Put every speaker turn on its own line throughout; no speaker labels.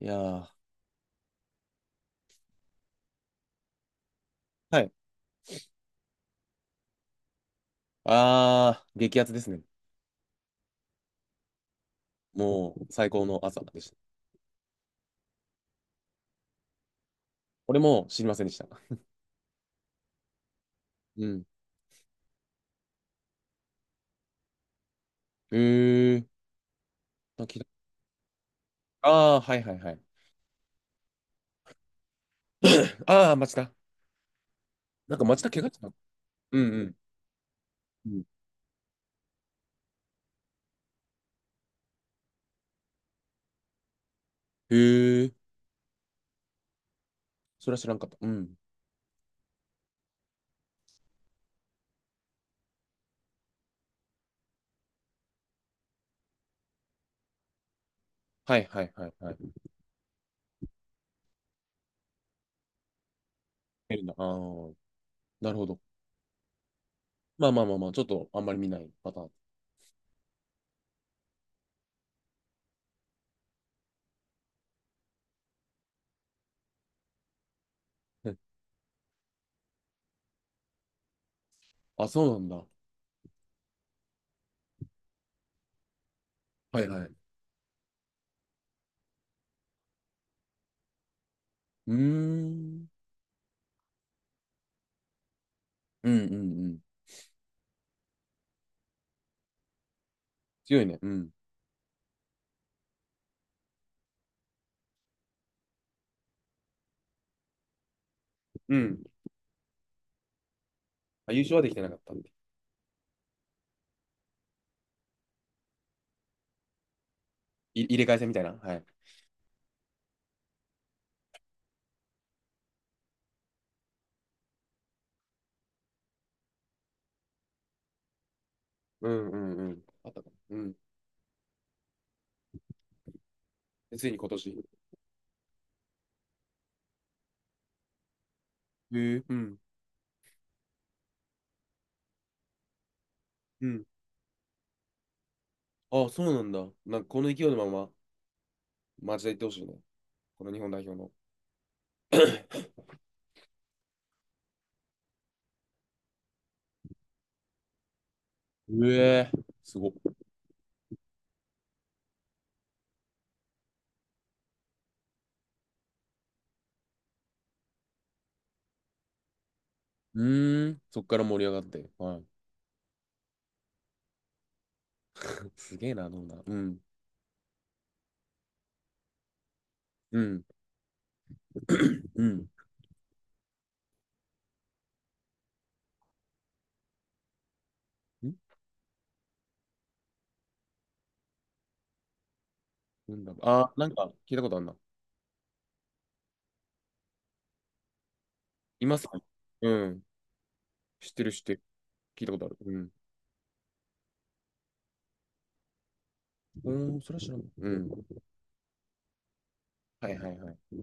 いやー、はい。あー、激アツですね。もう最高の朝でした。俺も知りませんでした。うん。えー、なんかああー、はいはいはい。ああ、町田。なんか町田怪我した。うんうん。うん。へえ、それは知らんかった。うん。はいはいはいはい。出るんだ。ああ、なるほど。まあまあまあまあ、ちょっとあんまり見ないパターン。うん。あ、そうなんだ。はいはい。うーん。うんうんうん。強いね。うん。うん。あ、優勝はできてなかった。い、入れ替え戦みたいな。はい。うんうんうん。あったかな。うん。でついに今年。へえ。うん。うん。あ、そうなんだ。なんかこの勢いのまま、町田行ってほしいね。この日本代表の。うえー、すごっ。うーん、そっから盛り上がって。はい。すげえな、どんな。うん、うん、うん。ん、なんだろう。あ、なんか聞いたことあるな。いますか。うん。知ってる、知ってる。聞いたことある。うん。うーん、それは知らん。うん。はいはいはい。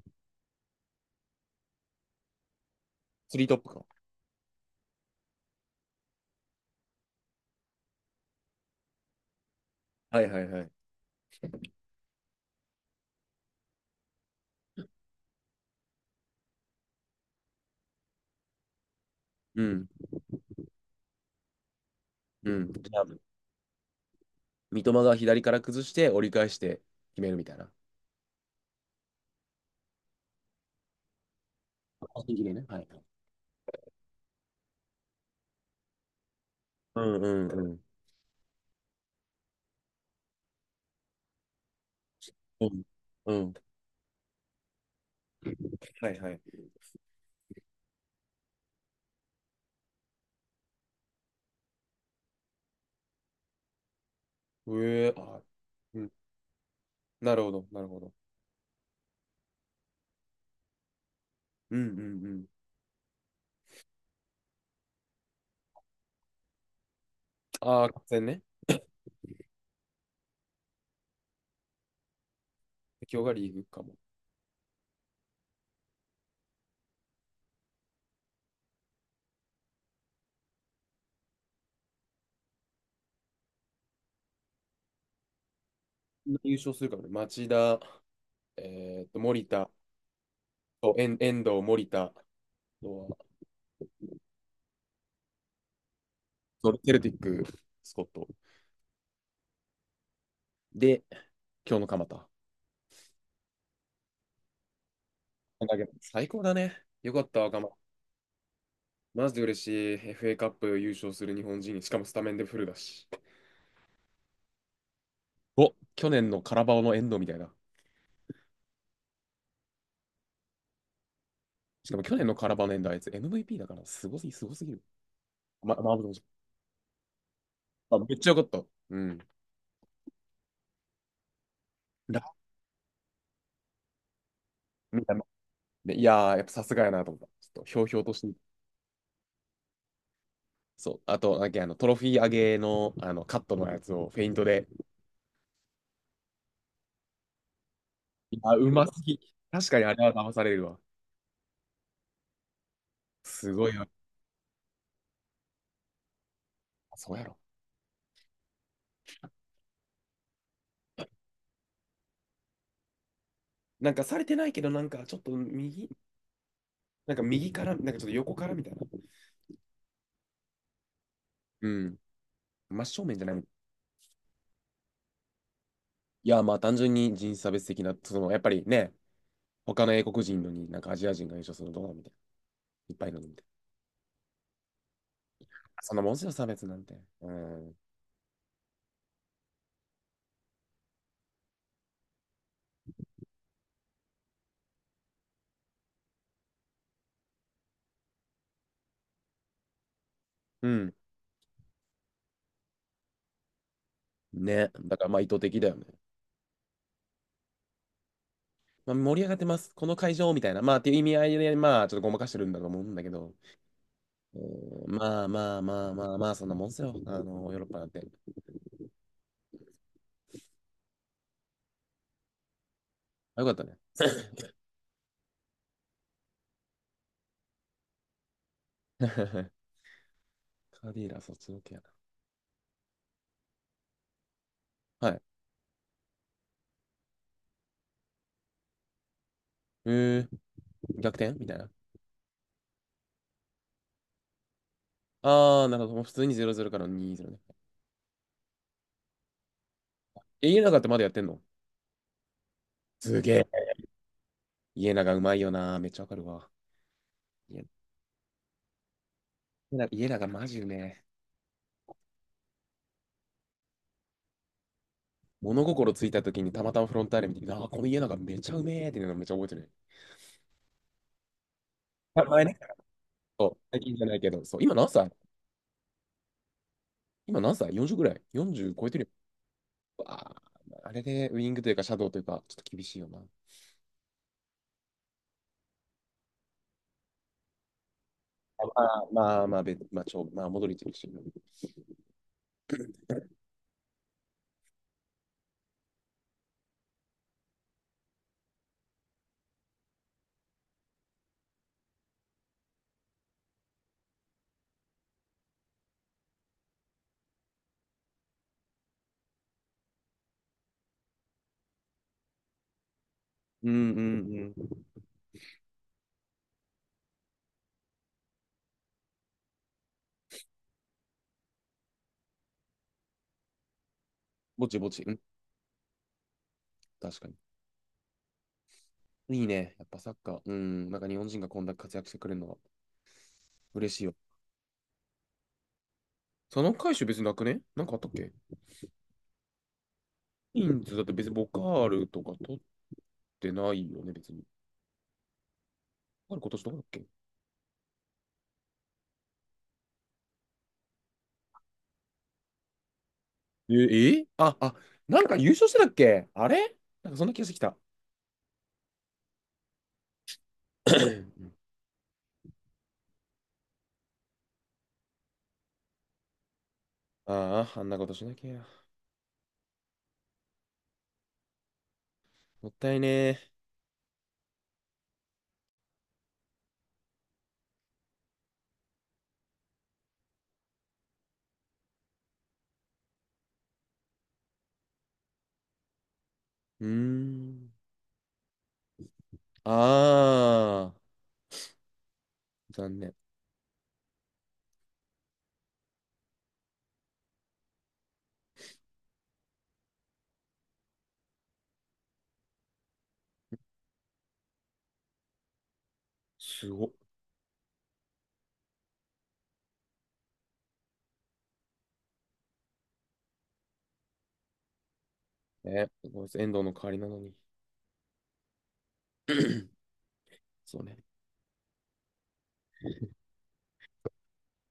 スリートップか。はいはいはい。うん、うん。三笘が左から崩して折り返して決めるみたいな。個人的でね。はい。うんうんうん。うんうん。はいはい。うえあ、うん。なるほど、なるほど。うんうんうん。ああ、完全ね。今日がリーグかも。優勝するかもね。町田、森田、と遠藤、森田、あとはそう、セルティック、スコット。で、今日の蒲田。だ、最高だね。よかった、若田、マジで嬉しい。FA カップ優勝する日本人。しかもスタメンでフルだし。お、去年のカラバオの遠藤みたいな。しかも去年のカラバオの遠藤あいつ MVP だからすごすぎ、すごすぎる。まあ、めっちゃよかった。うん。ラみたいな。で、いやー、やっぱさすがやなと思った。ちょっとひょうひょうとして。そう。あと、なんかあのトロフィー上げの、あのカットのやつをフェイントで。あ、うますぎ。確かにあれは騙されるわ。すごいわ。そうやろ。なんかされてないけど、なんかちょっと右、なんか右から、なんかちょっと横からみたいな。うん。真正面じゃない。いや、まあ単純に人種差別的な、そのやっぱりね、他の英国人のになんかアジア人が優勝するのどうなみたいな。いっぱいいるのでみたいな。そんなもんすよ、差別なんて。うん。うん。ね。だからまあ意図的だよね。まあ、盛り上がってます。この会場みたいな。まあっていう意味合いで、まあちょっとごまかしてるんだと思うんだけど。うん。まあまあまあまあまあ、そんなもんすよ。あの、ヨーロッパなんて。あ、よかったね。カーディーラ、そっちのけやな。はい。えー、逆転みたいな。ああ、なるほど。もう普通に0-0からの2-0ね。え、家長ってまだやってんの。すげえ。家長うまいよな。めっちゃわかるわ。家家長マジうめえ。物心ついた時にたまたまフロンターレ見て、ああ、この家長めちゃうめえっていうのめっちゃ覚えてる。あ、前ね。そう、最近じゃないけど、そう、今何歳。今何歳？ 40 ぐらい？ 40 超えてるよ。うわあ、あれでウィングというか、シャドウというか、ちょっと厳しいよな。あまあまあ、まあ、べまあ、ちょ、まあ、戻りてるし。うんうんうん。ぼちぼち。うん、確かに。いいね。やっぱサッカー。うん、なんか日本人がこんな活躍してくれるのは嬉しいよ。その回収別になくね。なんかあったっけ。インズだって別にボカールとか取てないよね、別に。あれ、今年どこだっけ。えー、えーあ、あ、なんか優勝してたっけあれ。なんかそんな気がしてきた。ああ、あんなことしなきゃ。もったいねえ。うーん。ああ、残念。すごっ。ね、ごめんなさい遠藤の代わりなのに。そうね。